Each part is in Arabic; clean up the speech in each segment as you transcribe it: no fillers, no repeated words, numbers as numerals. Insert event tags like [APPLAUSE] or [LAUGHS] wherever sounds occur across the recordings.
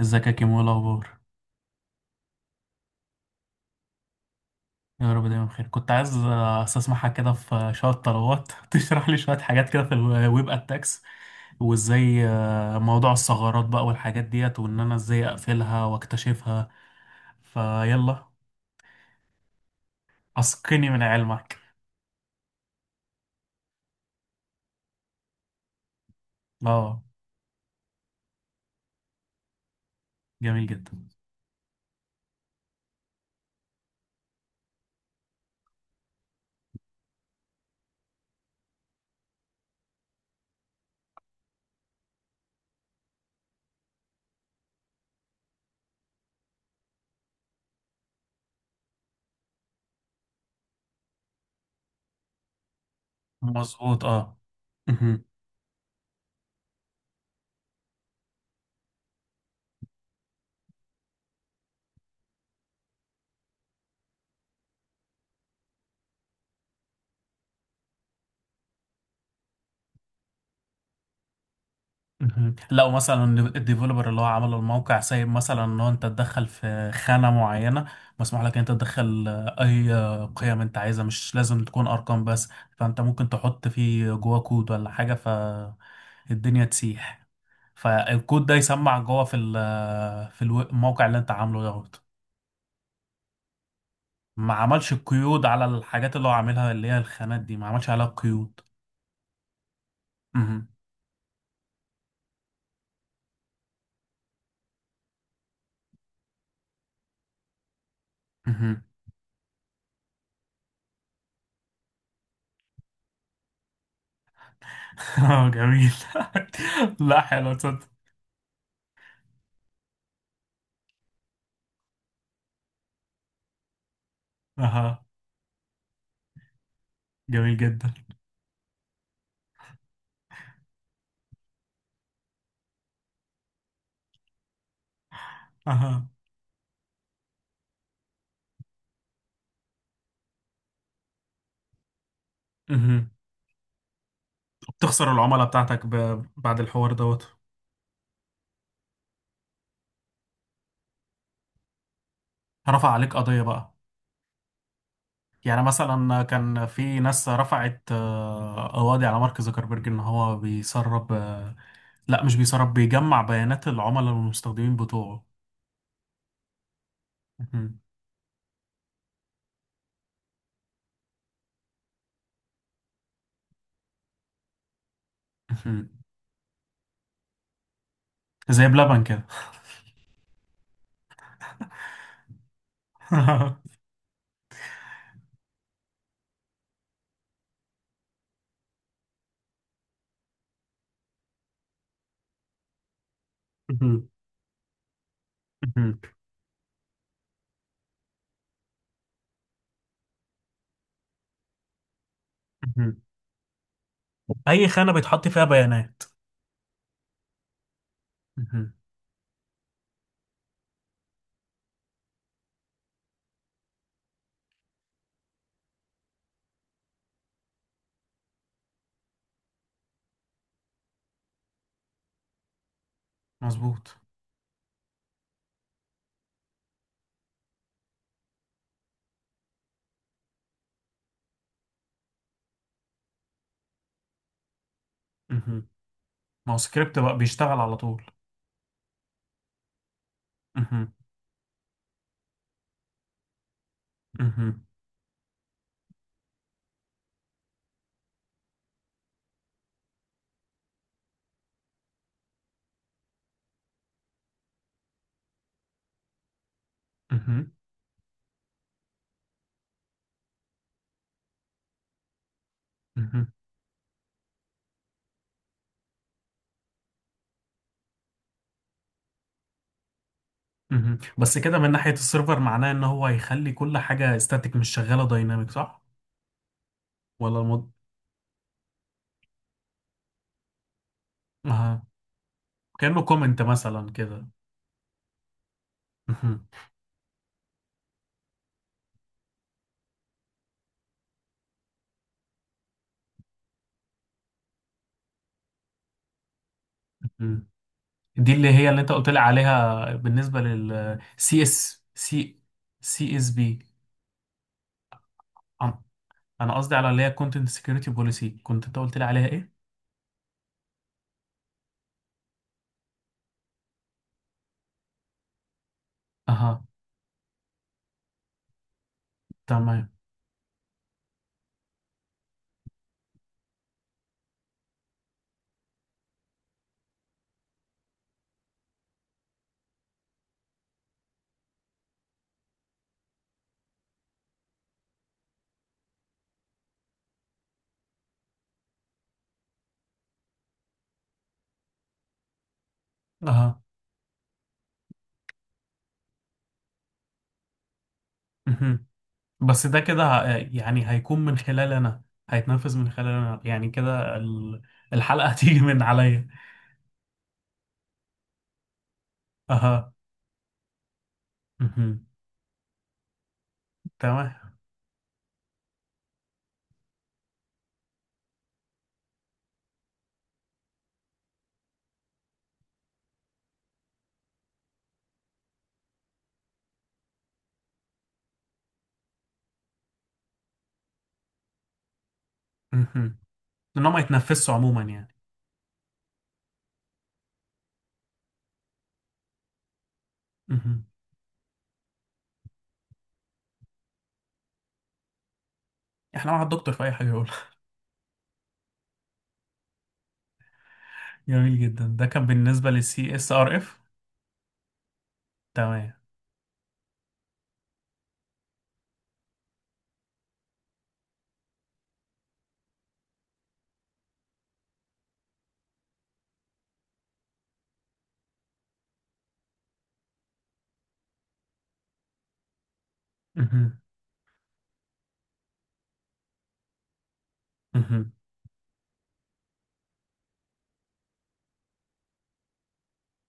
ازيك يا كيمو، ايه الاخبار؟ يا رب دايما بخير. كنت عايز استسمحك كده في شويه طلبات [LAUGHS] تشرح لي شويه حاجات كده في الويب اتاكس، وازاي موضوع الثغرات بقى والحاجات ديت، وان انا ازاي اقفلها واكتشفها. فيلا، اسقني من علمك. اه. جميل جدا. مظبوط اه. [LAUGHS] مهم. لو مثلا الديفلوبر اللي هو عمل الموقع سايب مثلا ان هو انت تدخل في خانة معينة، مسموح لك ان انت تدخل اي قيم انت عايزها، مش لازم تكون ارقام بس. فانت ممكن تحط فيه جوا كود ولا حاجة فالدنيا تسيح. فالكود ده يسمع جوا في ال- في الو- الموقع اللي انت عامله دوت. ما عملش قيود على الحاجات اللي هو عاملها، اللي هي الخانات دي ما عملش عليها قيود. مهم. مهم. [LAUGHS] جميل. [LAUGHS] لا، حلو تصدق. اها. جميل جدا. اها. مهم. بتخسر العملاء بتاعتك بعد الحوار دوت. رفع عليك قضية بقى. يعني مثلا كان في ناس رفعت قواضي على مارك زوكربيرج ان هو بيسرب، لا، مش بيسرب، بيجمع بيانات العملاء والمستخدمين بتوعه. مهم. مهم. زي بلبن كده. [LAUGHS] مهم. مهم. مهم. اي خانة بيتحط فيها بيانات. مهم. مظبوط. مهم. ما هو سكريبت بقى بيشتغل على طول. مهم. مهم. مهم. مهم. مهم. بس كده من ناحية السيرفر معناه ان هو هيخلي كل حاجة استاتيك مش شغالة دايناميك، صح؟ ولا مض... آه. كأنه كومنت مثلا كده. مهم. مهم. دي اللي هي اللي انت قلت لي عليها بالنسبة لل سي اس سي. سي اس بي، انا قصدي على اللي هي كونتنت سكيورتي بوليسي، كنت انت قلت لي عليها ايه؟ اها. تمام. اها. مهم. بس ده كده يعني هيكون من خلال انا، هيتنفذ من خلال انا، يعني كده الحلقة [LAUGHS] هتيجي من عليا. اها. مهم. تمام. مهم. ان هم يتنفسوا عموما يعني. مهم. احنا مع الدكتور في اي حاجه يقول. [LAUGHS] جميل جدا. ده كان بالنسبه للسي اس ار اف. تمام. مهم. مهم.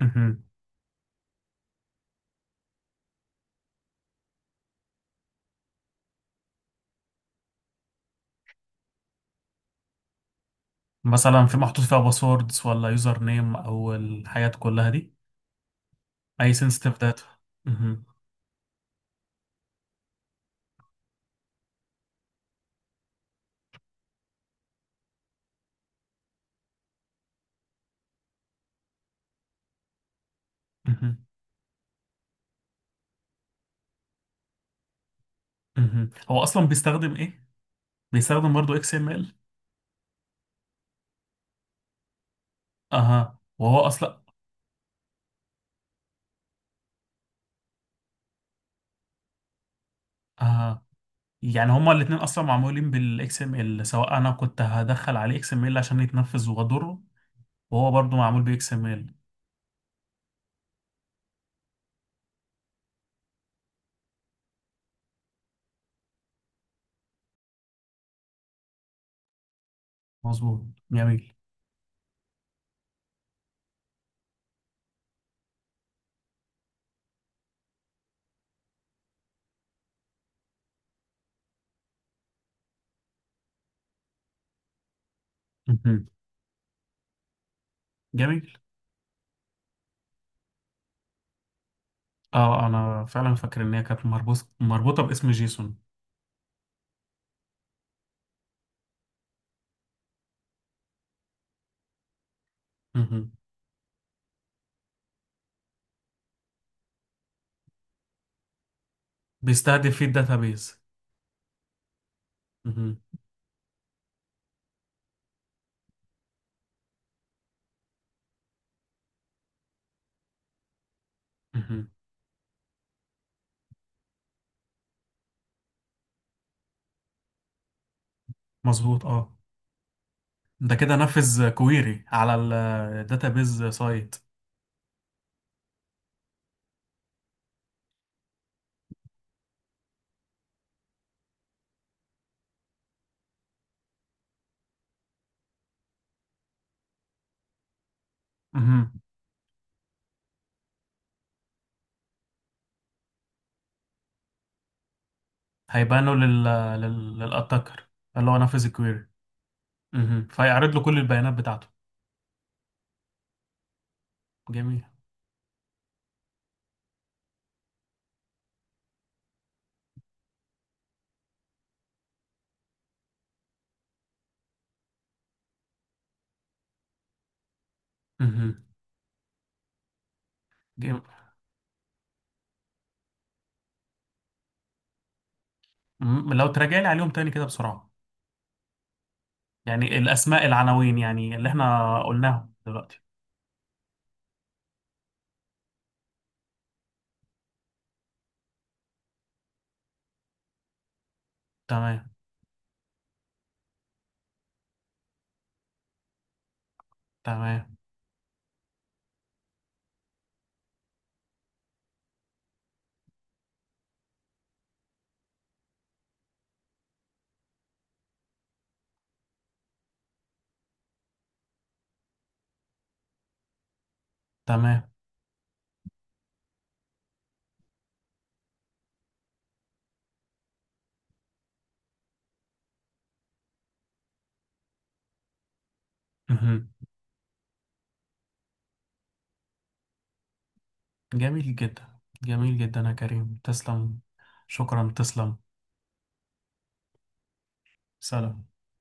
مهم. مثلا في محطوط فيها باسوردز ولا يوزر نيم او الحاجات كلها دي، اي سنسيتيف داتا. مهم. مهم. مهم. هو اصلا بيستخدم ايه؟ بيستخدم برضه اكس ام ال؟ اها. وهو اصلا. اها. يعني هما الاثنين اصلا معمولين بالاكس ام ال، سواء انا كنت هدخل عليه اكس ام ال عشان يتنفذ واضره، وهو برضو معمول بي اكس ام ال. مظبوط. جميل. مهم. جميل. اه، انا فعلا فاكر ان هي كانت مربوطه باسم جيسون. مهم. بيستهدف فيه الداتابيز. مهم. مهم. مظبوط اه. ده كده نفذ كويري على الداتابيز سايت. مهم. هيبانه للاتاكر اللي هو نفذ الكويري. مهم. فيعرض له كل البيانات بتاعته. جميل. مهم. جميل. مم. لو تراجع لي عليهم تاني كده بسرعه، يعني الأسماء، العناوين، يعني اللي احنا قلناهم دلوقتي. تمام. تمام. تمام. مهم. جميل جدا جميل جدا يا كريم، تسلم. شكرا، تسلم. سلام.